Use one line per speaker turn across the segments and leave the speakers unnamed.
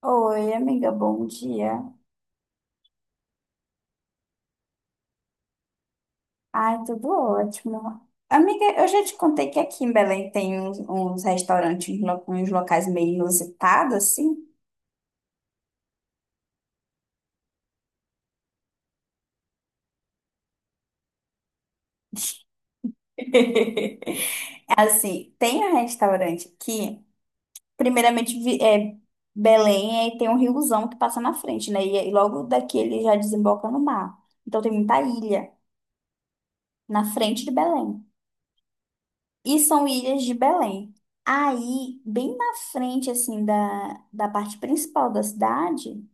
Oi, amiga, bom dia. Ai, tudo ótimo. Amiga, eu já te contei que aqui em Belém tem uns restaurantes, uns locais meio inusitados, assim. Assim, tem um restaurante aqui, primeiramente Belém, e tem um riozão que passa na frente, né? E logo daqui ele já desemboca no mar. Então tem muita ilha na frente de Belém. E são ilhas de Belém. Aí, bem na frente, assim, da parte principal da cidade,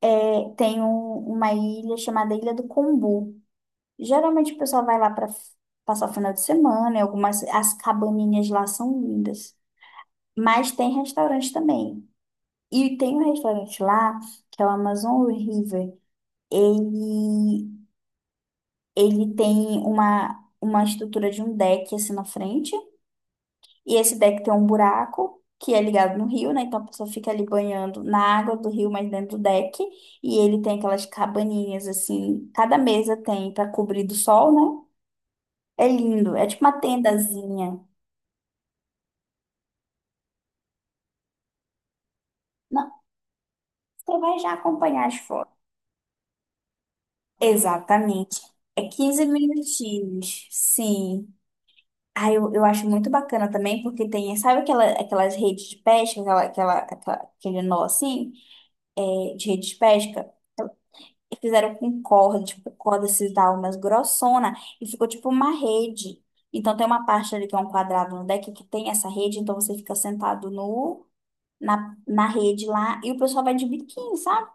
tem uma ilha chamada Ilha do Combu. Geralmente o pessoal vai lá para passar o final de semana, e algumas, as cabaninhas lá são lindas. Mas tem restaurante também. E tem um restaurante lá, que é o Amazon River. Ele, ele tem uma estrutura de um deck, assim, na frente. E esse deck tem um buraco que é ligado no rio, né? Então a pessoa fica ali banhando na água do rio, mas dentro do deck. E ele tem aquelas cabaninhas assim, cada mesa tem para cobrir do sol, né? É lindo, é tipo uma tendazinha. Não, você vai já acompanhar as fotos. Exatamente. É 15 minutinhos, sim. Ah, eu acho muito bacana também, porque tem, sabe aquela, aquelas redes de pesca, aquele nó assim, é, de rede de pesca? E fizeram com corda, tipo, corda esses daí umas grossona, e ficou tipo uma rede. Então tem uma parte ali que é um quadrado no deck que tem essa rede, então você fica sentado no, na, na rede lá, e o pessoal vai de biquíni, sabe?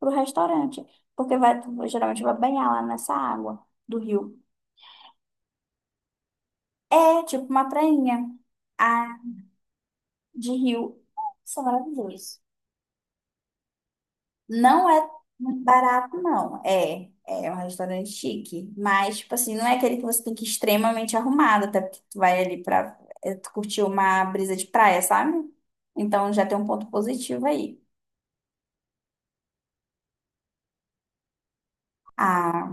Pro restaurante. Porque vai, geralmente vai banhar lá nessa água do rio. É tipo uma prainha, ah, de rio. Isso é maravilhoso. Não é muito barato, não. É, é um restaurante chique. Mas, tipo assim, não é aquele que você tem que ir extremamente arrumado, até porque tu vai ali pra tu curtir uma brisa de praia, sabe? Então já tem um ponto positivo aí. Ah,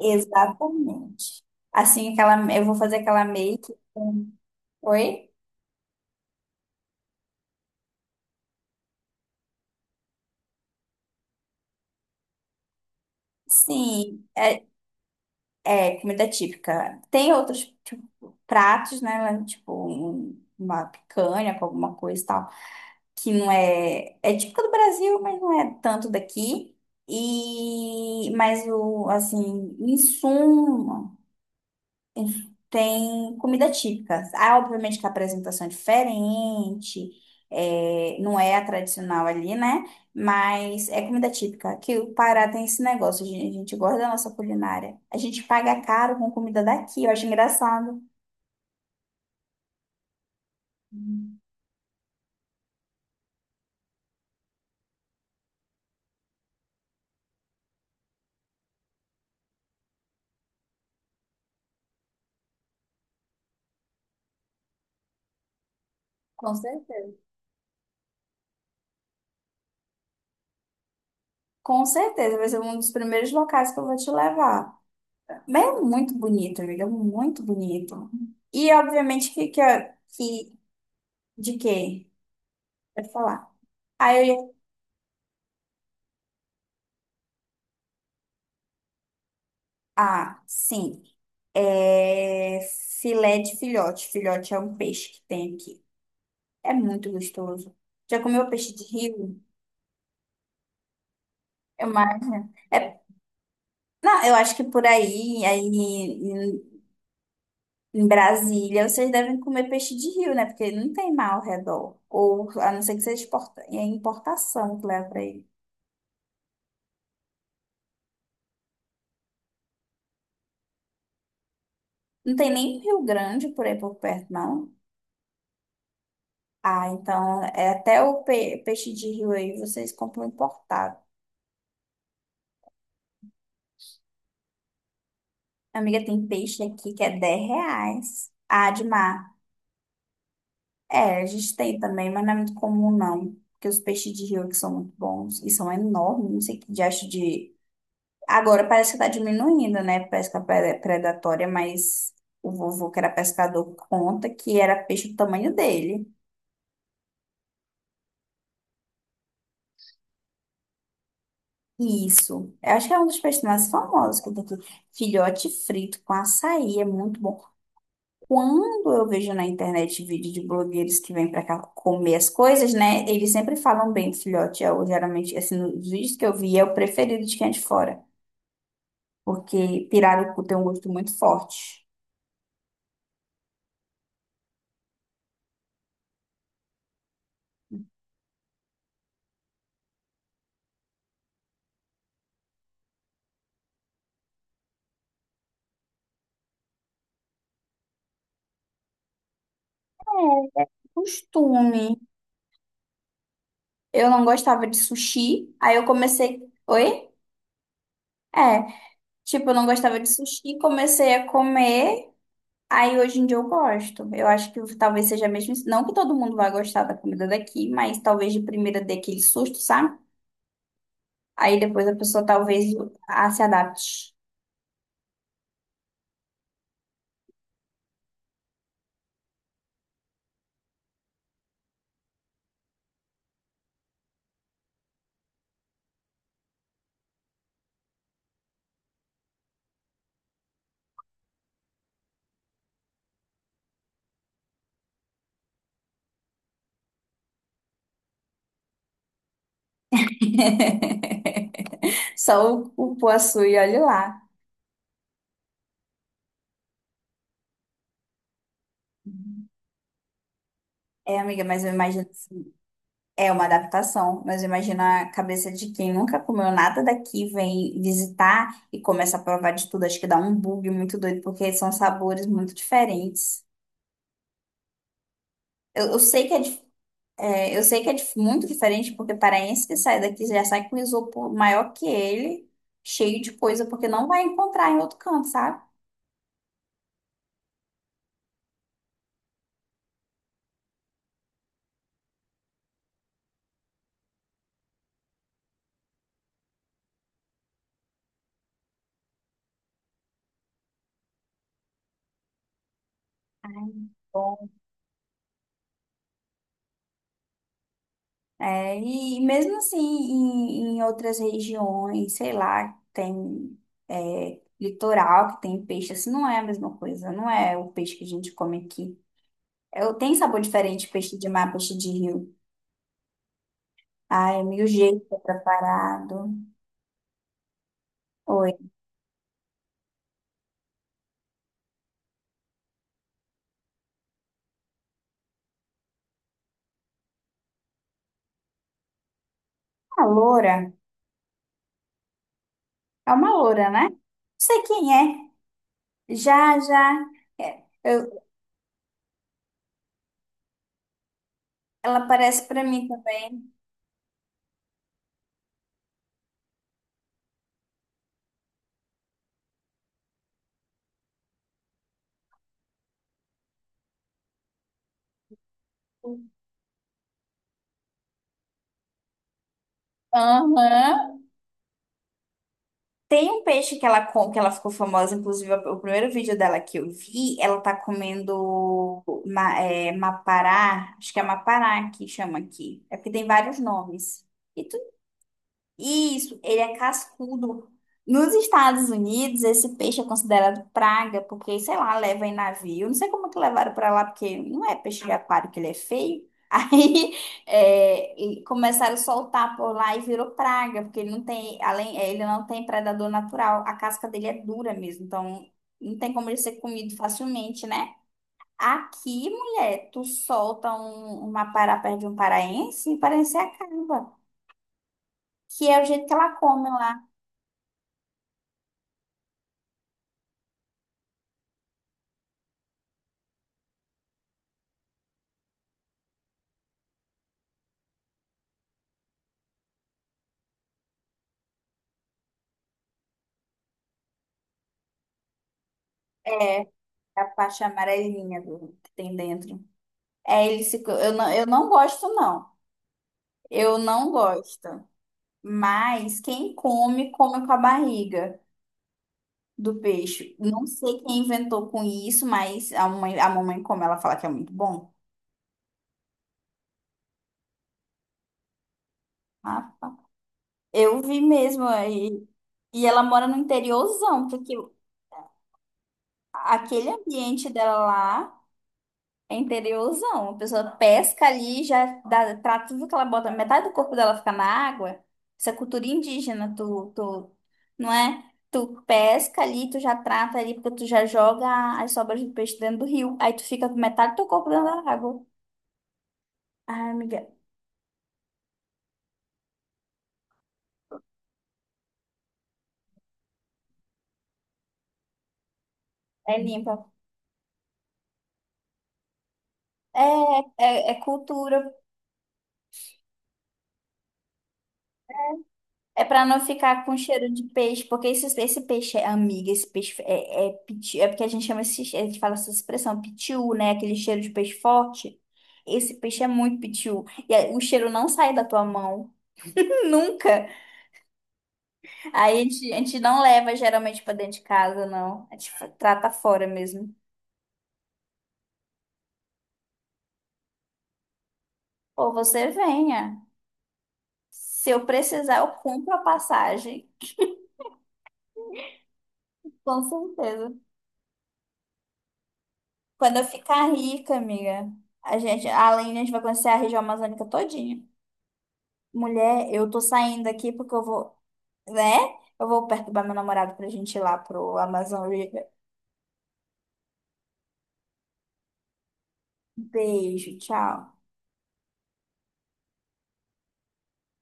exatamente. Assim, aquela, eu vou fazer aquela make com... Oi? Sim, é, é comida típica. Tem outros tipo, pratos, né? Tipo, uma picanha com alguma coisa e tal. Que não é, é típica do Brasil, mas não é tanto daqui. E mas o assim, em suma, tem comida típica. Ah, obviamente que a apresentação é diferente, é, não é a tradicional ali, né? Mas é comida típica. Que o Pará tem esse negócio, a gente gosta da nossa culinária. A gente paga caro com comida daqui, eu acho engraçado. Com certeza. Com certeza, vai ser um dos primeiros locais que eu vou te levar. Mas é muito bonito, ele é muito bonito. E obviamente que de quê? Pode falar. Aí eu ia... Ah, sim. É filé de filhote. Filhote é um peixe que tem aqui. É muito gostoso. Já comeu peixe de rio? Eu imagino. É... Não, eu acho que por aí, aí em Brasília, vocês devem comer peixe de rio, né? Porque não tem mar ao redor. Ou a não ser que seja exporta... é importação que leva para. Não tem nem Rio Grande por aí por perto, não. Ah, então é até o peixe de rio aí vocês compram importado. Amiga, tem peixe aqui que é R$ 10. Ah, de mar. É, a gente tem também, mas não é muito comum, não. Porque os peixes de rio que são muito bons e são enormes, não sei que diacho de. Agora parece que tá diminuindo, né? Pesca predatória, mas o vovô que era pescador conta que era peixe do tamanho dele. Isso. Eu acho que é um dos personagens famosos que tem aqui. Filhote frito com açaí é muito bom. Quando eu vejo na internet vídeo de blogueiros que vêm pra cá comer as coisas, né? Eles sempre falam bem do filhote. Eu, geralmente, assim, nos vídeos que eu vi, é o preferido de quem é de fora. Porque pirarucu tem um gosto muito forte. Costume. Eu não gostava de sushi. Aí eu comecei. Oi? É. Tipo, eu não gostava de sushi. Comecei a comer. Aí hoje em dia eu gosto. Eu acho que talvez seja mesmo isso. Não que todo mundo vai gostar da comida daqui, mas talvez de primeira dê aquele susto, sabe? Aí depois a pessoa talvez ah, se adapte. Só o poaçu e olhe lá. É, amiga, mas eu imagino. É uma adaptação, mas eu imagino a cabeça de quem nunca comeu nada daqui, vem visitar e começa a provar de tudo. Acho que dá um bug muito doido, porque são sabores muito diferentes. Eu sei que é. É, eu sei que é muito diferente, porque paraense que sai daqui já sai com isopor maior que ele, cheio de coisa, porque não vai encontrar em outro canto, sabe? Ai, bom. É, e mesmo assim, em outras regiões, sei lá, tem é, litoral que tem peixe, assim, não é a mesma coisa, não é o peixe que a gente come aqui. Eu tenho sabor diferente, peixe de mar, peixe de rio. Ai, é mil jeitos é preparado. Oi. Uma loura. É uma loura, né? Não sei quem é. Já, já. É, eu- ela aparece pra mim também. Aham. Tem um peixe que ela, que ela ficou famosa, inclusive o primeiro vídeo dela que eu vi, ela tá comendo ma, é, mapará, acho que é mapará que chama aqui. É porque tem vários nomes. E isso, ele é cascudo. Nos Estados Unidos, esse peixe é considerado praga, porque, sei lá, leva em navio. Não sei como é que levaram para lá, porque não é peixe de aquário que ele é feio. Aí é, e começaram a soltar por lá e virou praga, porque ele não tem, além, é, ele não tem predador natural. A casca dele é dura mesmo, então não tem como ele ser comido facilmente, né? Aqui, mulher, tu solta um, uma pará perto de um paraense e o paraense acaba, que é o jeito que ela come lá. É, é a parte amarelinha do, que tem dentro. É, ele se, eu não gosto, não. Eu não gosto. Mas quem come, come com a barriga do peixe. Não sei quem inventou com isso, mas a mãe, a mamãe, como ela fala que é muito bom. Ah, eu vi mesmo aí. E ela mora no interiorzão, porque aquele ambiente dela lá. É interiorzão. A pessoa pesca ali, já dá pra tudo que ela bota, metade do corpo dela fica na água. Isso é cultura indígena, tu, tu, não é? Tu pesca ali, tu já trata ali, porque tu já joga as sobras do peixe dentro do rio. Aí tu fica com metade do teu corpo dentro da água. Ai, amiga, é limpa. É, é cultura. É pra não ficar com cheiro de peixe, porque esse peixe é amiga, esse peixe é, é é porque a gente chama esse, a gente fala essa expressão, pitiu, né? Aquele cheiro de peixe forte. Esse peixe é muito pitiu. E aí, o cheiro não sai da tua mão. Nunca. Aí a gente não leva geralmente pra dentro de casa, não. A gente trata fora mesmo. Ou você venha. Se eu precisar, eu compro a passagem. Com certeza. Quando eu ficar rica, amiga, a gente, além a gente vai conhecer a região amazônica todinha. Mulher, eu tô saindo aqui porque eu vou, né? Eu vou perturbar meu namorado pra gente ir lá pro Amazon River. Beijo, tchau.